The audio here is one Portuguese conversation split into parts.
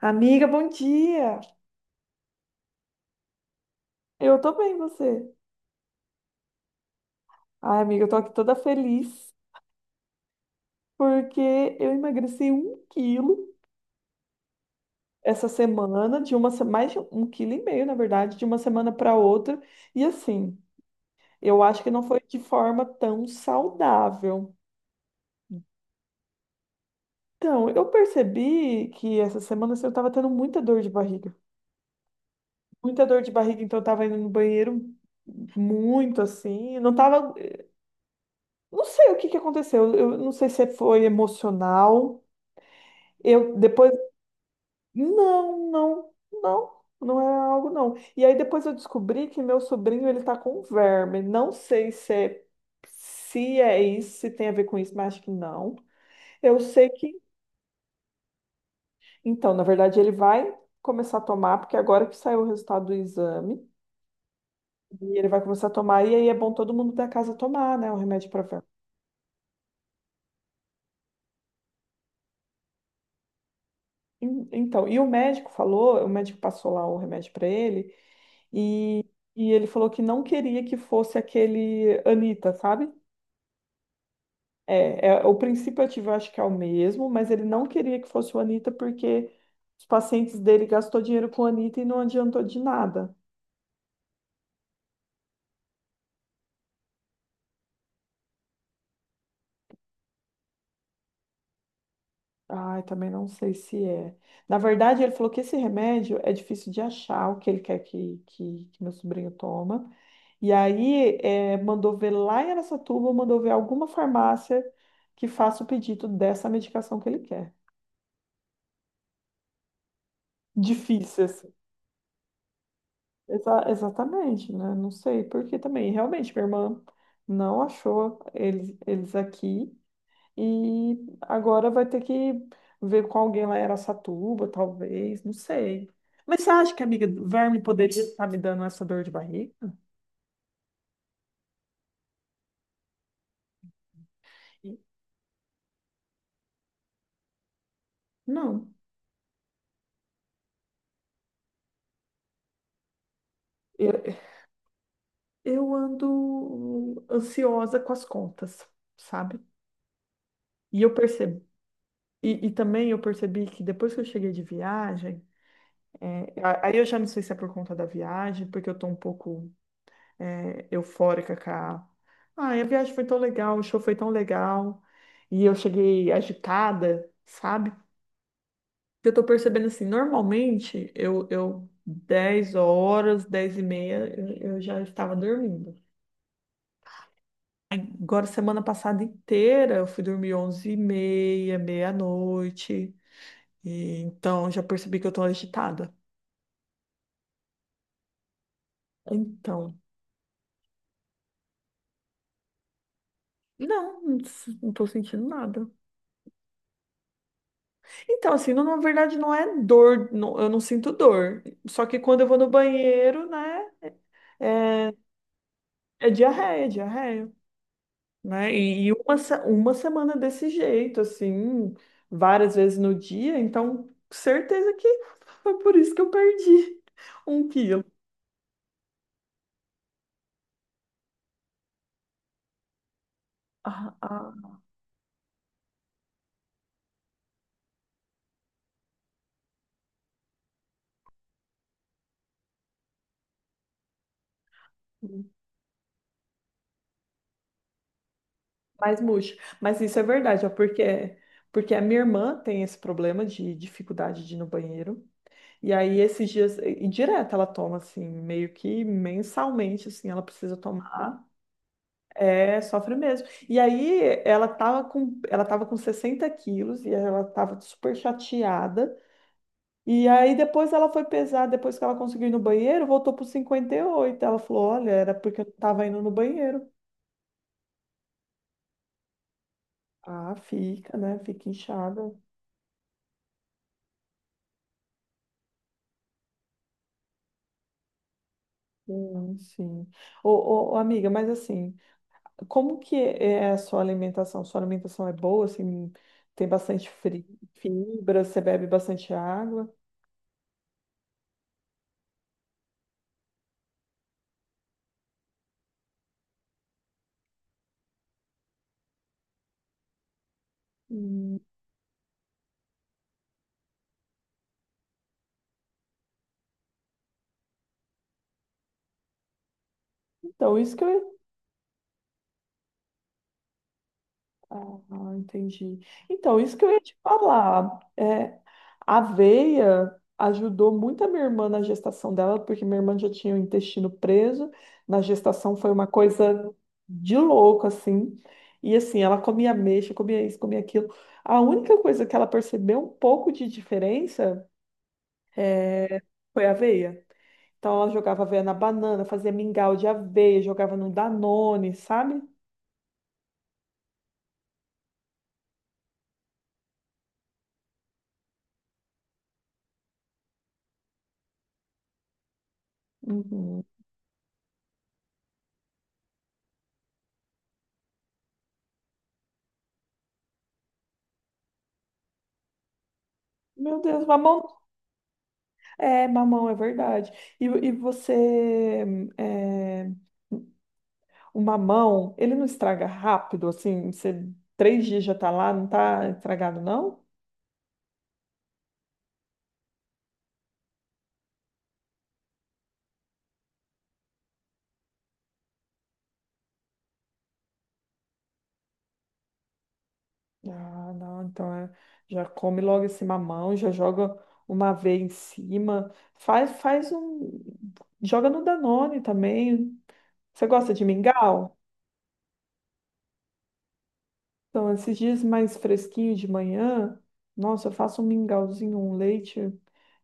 Amiga, bom dia! Eu tô bem, você? Ai, amiga, eu tô aqui toda feliz porque eu emagreci 1 quilo essa semana, de uma, se- mais de 1,5 quilo, na verdade, de uma semana para outra. E assim, eu acho que não foi de forma tão saudável. Então, eu percebi que essa semana assim, eu tava tendo muita dor de barriga. Muita dor de barriga, então eu tava indo no banheiro muito assim. Eu não tava. Não sei o que que aconteceu. Eu não sei se foi emocional. Eu depois, não, não, não, não é algo não. E aí depois eu descobri que meu sobrinho ele tá com verme. Não sei se é, se é isso, se tem a ver com isso, mas acho que não. Eu sei que, então, na verdade, ele vai começar a tomar, porque é agora que saiu o resultado do exame, e ele vai começar a tomar, e aí é bom todo mundo da casa tomar, né, o remédio para verme. Então, e o médico falou, o médico passou lá o remédio para ele. E, e ele falou que não queria que fosse aquele Anitta, sabe? É, é, o princípio ativo eu acho que é o mesmo, mas ele não queria que fosse o Anitta porque os pacientes dele gastou dinheiro com o Anitta e não adiantou de nada. Ai, também não sei se é. Na verdade, ele falou que esse remédio é difícil de achar, o que ele quer que meu sobrinho toma. E aí, é, mandou ver lá em Araçatuba, mandou ver alguma farmácia que faça o pedido dessa medicação que ele quer. Difícil, assim. Exatamente, né? Não sei, porque também, realmente, minha irmã não achou eles aqui e agora vai ter que ver com alguém lá em Araçatuba, talvez, não sei. Mas você acha que a amiga do verme poderia estar me dando essa dor de barriga? Não. Eu, eu ando ansiosa com as contas, sabe? E eu percebo. E também eu percebi que depois que eu cheguei de viagem, é, aí eu já não sei se é por conta da viagem, porque eu tô um pouco é, eufórica com a. Ai, a viagem foi tão legal, o show foi tão legal. E eu cheguei agitada, sabe? Eu tô percebendo assim, normalmente eu 10 horas, 10h30, eu já estava dormindo. Agora, semana passada inteira, eu fui dormir 11h30, meia-noite. E, então, já percebi que eu tô agitada. Então, não, não tô sentindo nada. Então, assim, na verdade não é dor, eu não sinto dor. Só que quando eu vou no banheiro, né, é, é diarreia, é diarreia, né? E uma, se- uma semana desse jeito, assim, várias vezes no dia, então certeza que foi por isso que eu perdi 1 quilo. Ah, ah, mais murcho. Mas isso é verdade, ó, porque a minha irmã tem esse problema de dificuldade de ir no banheiro. E aí, esses dias, e direto ela toma, assim, meio que mensalmente, assim, ela precisa tomar. É, sofre mesmo. E aí, ela tava com 60 quilos e ela tava super chateada. E aí, depois ela foi pesar, depois que ela conseguiu ir no banheiro, voltou para 58. Ela falou: Olha, era porque eu não tava indo no banheiro. Ah, fica, né? Fica inchada. Sim, sim. Ô, ô, ô, amiga, mas assim, como que é a sua alimentação? Sua alimentação é boa, assim, tem bastante fibra, você bebe bastante água? Hum, Então, isso que eu ia. Ah, entendi. Então, isso que eu ia te falar. É, a aveia ajudou muito a minha irmã na gestação dela, porque minha irmã já tinha o intestino preso. Na gestação foi uma coisa de louco, assim. E assim, ela comia ameixa, comia isso, comia aquilo. A única coisa que ela percebeu um pouco de diferença É, foi aveia. Então ela jogava aveia na banana, fazia mingau de aveia, jogava no Danone, sabe? Uhum. Meu Deus, mamão. É, mamão, é verdade. E você. é, o mamão, ele não estraga rápido, assim? Você, 3 dias já tá lá, não tá estragado, não? Ah, não, então é, já come logo esse mamão, já joga uma aveia em cima, faz um, joga no Danone também. Você gosta de mingau? Então, esses dias mais fresquinhos de manhã, nossa, eu faço um mingauzinho, um leite,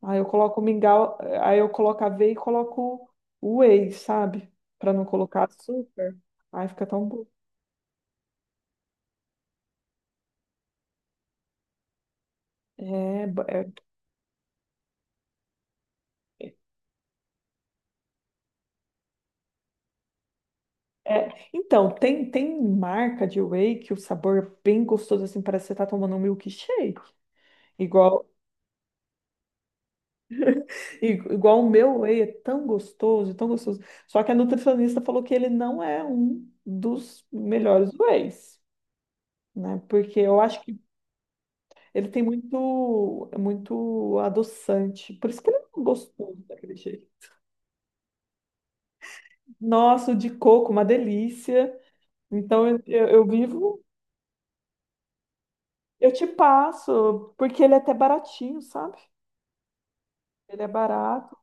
aí eu coloco o mingau, aí eu coloco a aveia e coloco o whey, sabe? Para não colocar açúcar, aí fica tão bom. É, é É, então, tem marca de whey que o sabor é bem gostoso, assim, parece que você tá tomando um milkshake. Igual, i- igual, o meu whey é tão gostoso, tão gostoso. Só que a nutricionista falou que ele não é um dos melhores wheys, né? Porque eu acho que ele tem muito, muito adoçante. Por isso que ele não é gostoso daquele jeito. Nossa, o de coco, uma delícia. Então, eu vivo, eu te passo, porque ele é até baratinho, sabe? Ele é barato?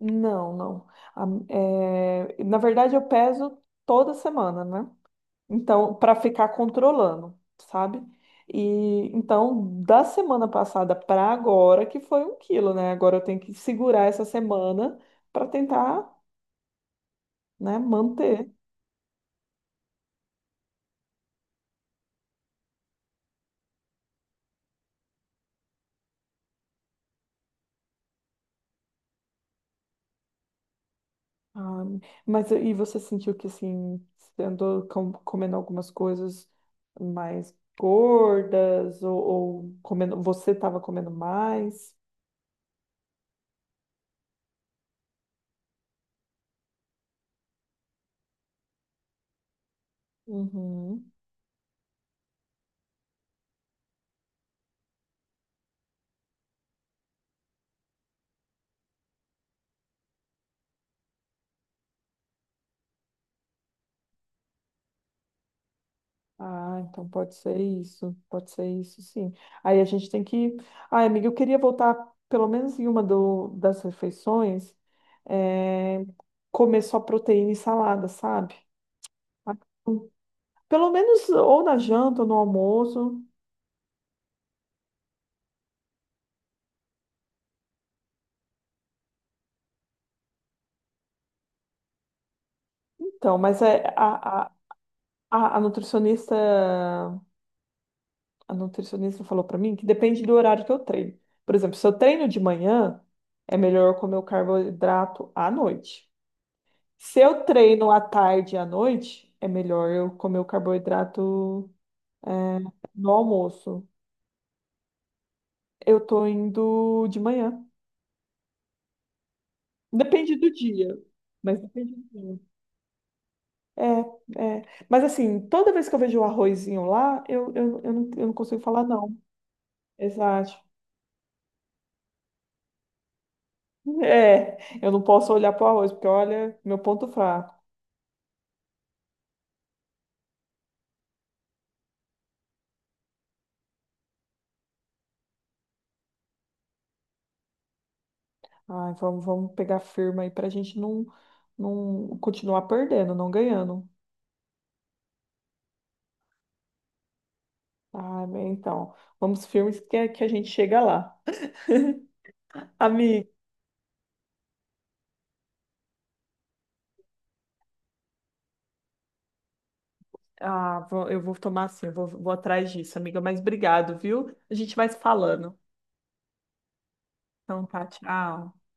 Não, não. A- É, na verdade, eu peso toda semana, né? Então, para ficar controlando, sabe? E então, da semana passada para agora, que foi 1 quilo, né? Agora eu tenho que segurar essa semana para tentar, né, manter. Ah, mas e você sentiu que assim, você andou comendo algumas coisas mais gordas ou, comendo, você estava comendo mais? Uhum. Ah, então pode ser isso, sim. Aí a gente tem que. Ah, amiga, eu queria voltar pelo menos em uma das refeições, é, comer só proteína e salada, sabe? Ah, pelo menos ou na janta ou no almoço. Então, mas a nutricionista falou para mim que depende do horário que eu treino. Por exemplo, se eu treino de manhã, é melhor eu comer o carboidrato à noite. Se eu treino à tarde e à noite, é melhor eu comer o carboidrato, é, no almoço. Eu tô indo de manhã. Depende do dia, mas depende do dia. É, é. Mas assim, toda vez que eu vejo o arrozinho lá, eu, não, eu não consigo falar não. Exato. É, eu não posso olhar pro arroz, porque olha, meu ponto fraco. Ai, vamos, vamos pegar firma aí pra gente não continuar perdendo, não ganhando. Ah, bem, então, vamos filmes que a gente chega lá. Amiga, ah, eu vou tomar assim, eu vou atrás disso, amiga, mas obrigado, viu? A gente vai se falando. Então, tá, tchau.